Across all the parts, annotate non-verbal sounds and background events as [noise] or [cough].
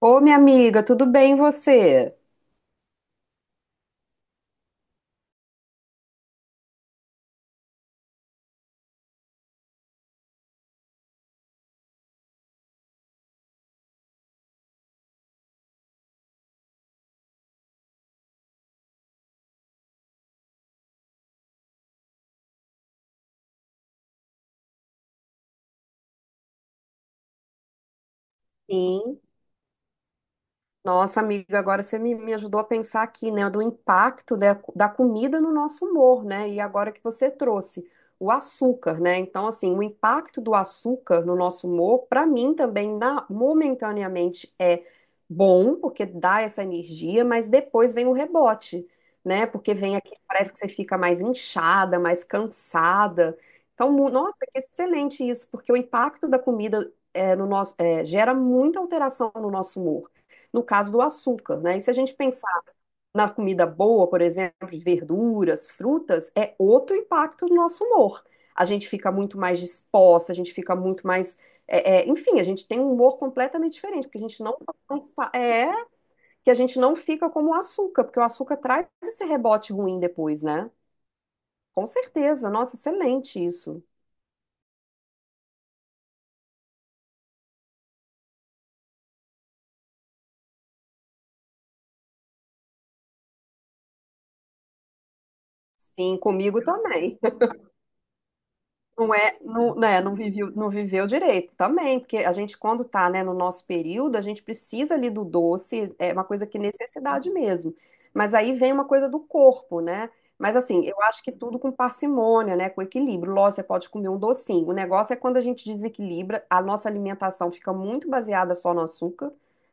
Ô, minha amiga, tudo bem e você? Sim. Nossa, amiga, agora você me ajudou a pensar aqui, né, do impacto da comida no nosso humor, né? E agora que você trouxe o açúcar, né? Então, assim, o impacto do açúcar no nosso humor, para mim também, momentaneamente, bom, porque dá essa energia, mas depois vem o rebote, né? Porque vem aqui, parece que você fica mais inchada, mais cansada. Então, nossa, que excelente isso, porque o impacto da comida no nosso, gera muita alteração no nosso humor no caso do açúcar, né? E se a gente pensar na comida boa, por exemplo, verduras, frutas, é outro impacto no nosso humor. A gente fica muito mais disposta, a gente fica muito mais. Enfim, a gente tem um humor completamente diferente, porque a gente não que a gente não fica como o açúcar, porque o açúcar traz esse rebote ruim depois, né? Com certeza, nossa, excelente isso. Sim, comigo também. Não é, não, né, não viveu, não viveu direito também, porque a gente, quando tá, né, no nosso período, a gente precisa ali do doce, é uma coisa que é necessidade mesmo. Mas aí vem uma coisa do corpo, né? Mas assim, eu acho que tudo com parcimônia, né, com equilíbrio. Lógico, você pode comer um docinho. O negócio é quando a gente desequilibra, a nossa alimentação fica muito baseada só no açúcar,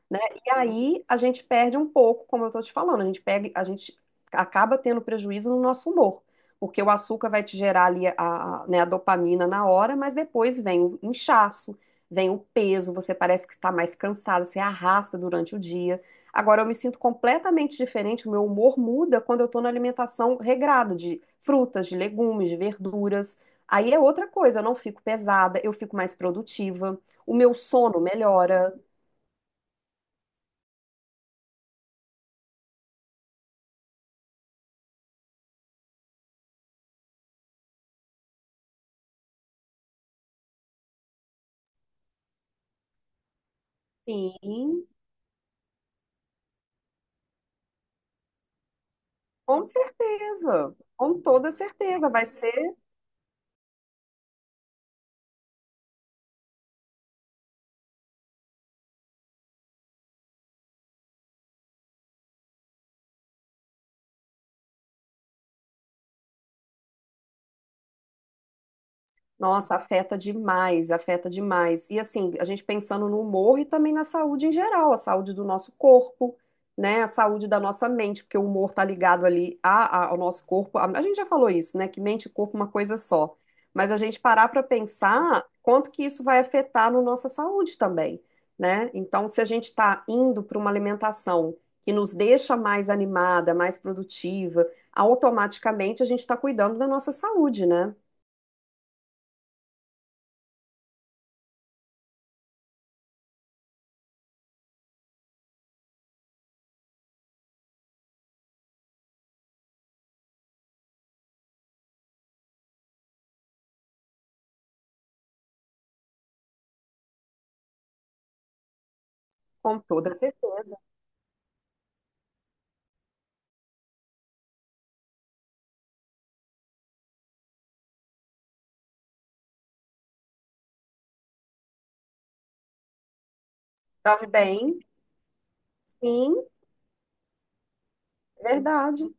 né? E aí a gente perde um pouco, como eu tô te falando, a gente pega, a gente acaba tendo prejuízo no nosso humor, porque o açúcar vai te gerar ali né, a dopamina na hora, mas depois vem o inchaço, vem o peso, você parece que está mais cansada, você arrasta durante o dia. Agora eu me sinto completamente diferente, o meu humor muda quando eu estou na alimentação regrada de frutas, de legumes, de verduras. Aí é outra coisa, eu não fico pesada, eu fico mais produtiva, o meu sono melhora. Sim, com certeza, com toda certeza, vai ser. Nossa, afeta demais, afeta demais. E assim, a gente pensando no humor e também na saúde em geral, a saúde do nosso corpo, né? A saúde da nossa mente, porque o humor tá ligado ali ao nosso corpo. A gente já falou isso, né? Que mente e corpo é uma coisa só. Mas a gente parar para pensar quanto que isso vai afetar na nossa saúde também, né? Então, se a gente está indo para uma alimentação que nos deixa mais animada, mais produtiva, automaticamente a gente está cuidando da nossa saúde, né? Com toda certeza. Prove bem, sim, verdade.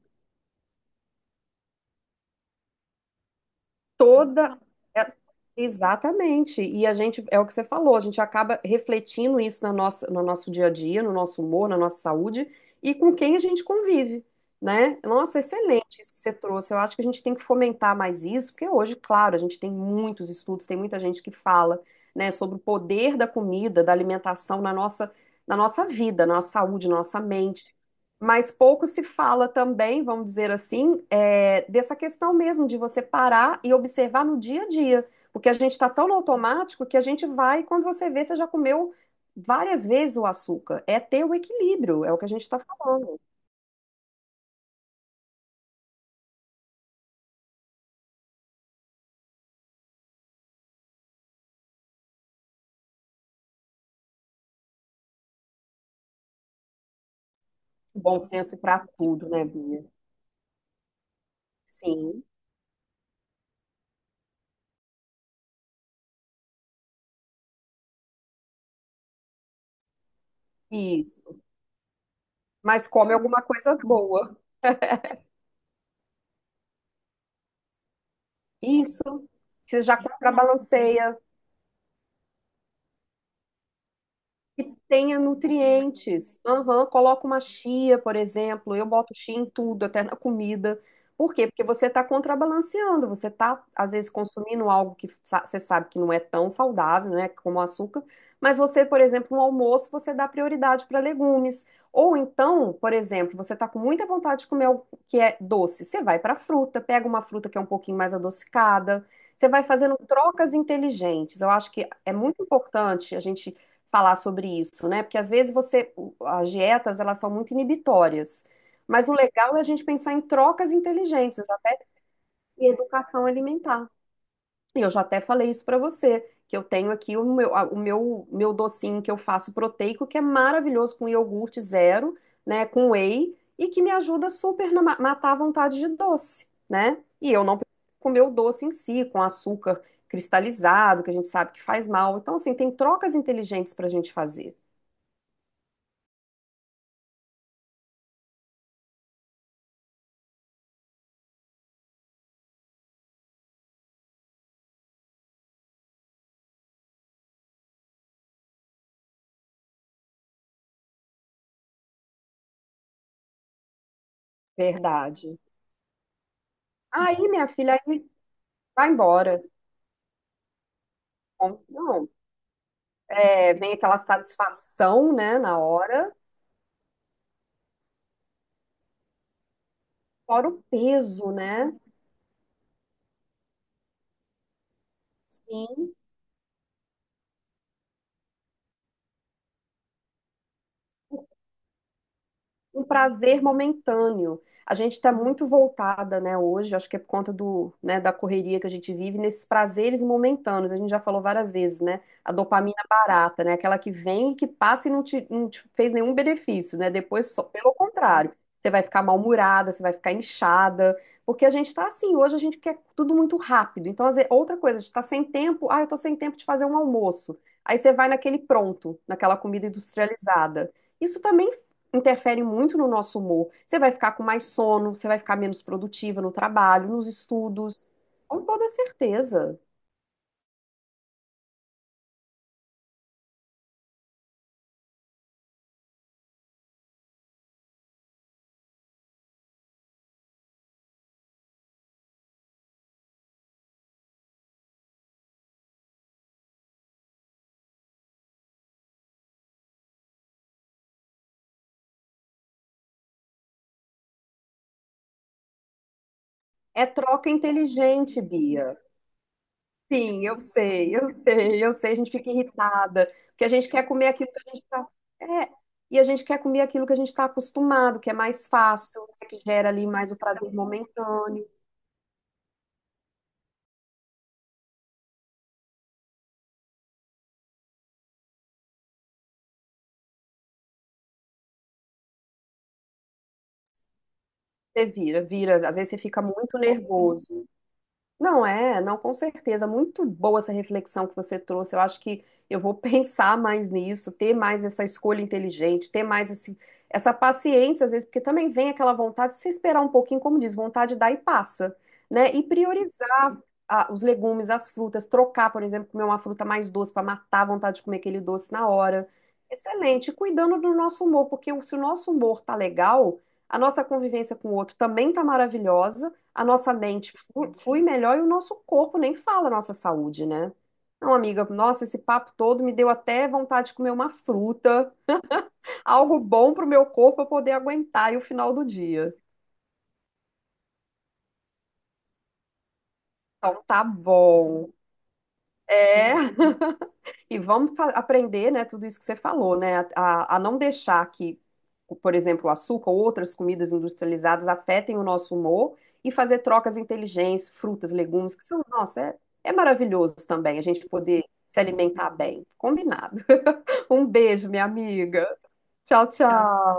Toda. é- Exatamente. E a gente, é o que você falou, a gente acaba refletindo isso na nossa, no nosso dia a dia, no nosso humor, na nossa saúde e com quem a gente convive, né? Nossa, excelente isso que você trouxe. Eu acho que a gente tem que fomentar mais isso, porque hoje, claro, a gente tem muitos estudos, tem muita gente que fala, né, sobre o poder da comida, da alimentação na nossa vida, na nossa saúde, na nossa mente. Mas pouco se fala também, vamos dizer assim, dessa questão mesmo de você parar e observar no dia a dia. Porque a gente está tão no automático que a gente vai, quando você vê, você já comeu várias vezes o açúcar. É ter o equilíbrio, é o que a gente está falando. Bom senso para tudo, né, Bia? Sim, isso. Mas come alguma coisa boa. Isso. Você já contrabalanceia. Que tenha nutrientes. Aham, coloca uma chia, por exemplo. Eu boto chia em tudo, até na comida. Por quê? Porque você está contrabalanceando. Você está, às vezes, consumindo algo que você sabe que não é tão saudável, né? Como o açúcar. Mas você, por exemplo, no almoço, você dá prioridade para legumes. Ou então, por exemplo, você está com muita vontade de comer algo que é doce. Você vai para fruta, pega uma fruta que é um pouquinho mais adocicada. Você vai fazendo trocas inteligentes. Eu acho que é muito importante a gente falar sobre isso, né? Porque às vezes você, as dietas, elas são muito inibitórias. Mas o legal é a gente pensar em trocas inteligentes, até em educação alimentar. E eu já até falei isso para você, que eu tenho aqui o meu, a- o meu, meu docinho que eu faço proteico, que é maravilhoso com iogurte zero, né, com whey, e que me ajuda super na matar a vontade de doce, né? E eu não preciso comer o doce em si, com açúcar cristalizado, que a gente sabe que faz mal. Então, assim, tem trocas inteligentes para a gente fazer. Verdade. Aí, minha filha, aí vai embora. Bom, não, é, vem aquela satisfação, né, na hora, fora o peso, né? Sim. Um prazer momentâneo. A gente está muito voltada, né, hoje, acho que é por conta do, né, da correria que a gente vive, nesses prazeres momentâneos. A gente já falou várias vezes, né? A dopamina barata, né? Aquela que vem e que passa e não te fez nenhum benefício, né? Depois, só, pelo contrário, você vai ficar mal-humorada, você vai ficar inchada, porque a gente está assim, hoje a gente quer tudo muito rápido. Então, às vezes, outra coisa, a gente está sem tempo, ah, eu estou sem tempo de fazer um almoço. Aí você vai naquele pronto, naquela comida industrializada. Isso também interfere muito no nosso humor. Você vai ficar com mais sono, você vai ficar menos produtiva no trabalho, nos estudos. Com toda certeza. É troca inteligente, Bia. Sim, eu sei, eu sei, eu sei. A gente fica irritada, porque a gente quer comer aquilo que a gente está. É, e a gente quer comer aquilo que a gente está acostumado, que é mais fácil, né, que gera ali mais o prazer momentâneo. Você vira, vira. Às vezes você fica muito nervoso. Não é, não, com certeza. Muito boa essa reflexão que você trouxe. Eu acho que eu vou [laughs] pensar mais nisso, ter mais essa escolha inteligente, ter mais esse, essa paciência, às vezes, porque também vem aquela vontade, se você esperar um pouquinho, como diz, vontade dá e passa, né? E priorizar os legumes, as frutas, trocar, por exemplo, comer uma fruta mais doce para matar a vontade de comer aquele doce na hora. Excelente, e cuidando do nosso humor, porque se o nosso humor tá legal, a nossa convivência com o outro também tá maravilhosa, a nossa mente flui melhor e o nosso corpo nem fala a nossa saúde, né? Não, amiga, nossa, esse papo todo me deu até vontade de comer uma fruta, algo bom pro meu corpo pra poder aguentar aí o final do dia. Então tá bom. É. E vamos aprender, né, tudo isso que você falou, né, a não deixar que, por exemplo, o açúcar ou outras comidas industrializadas afetem o nosso humor e fazer trocas inteligentes, frutas, legumes, que são, nossa, é, é maravilhoso também a gente poder se alimentar bem. Combinado. [laughs] Um beijo, minha amiga. Tchau, tchau.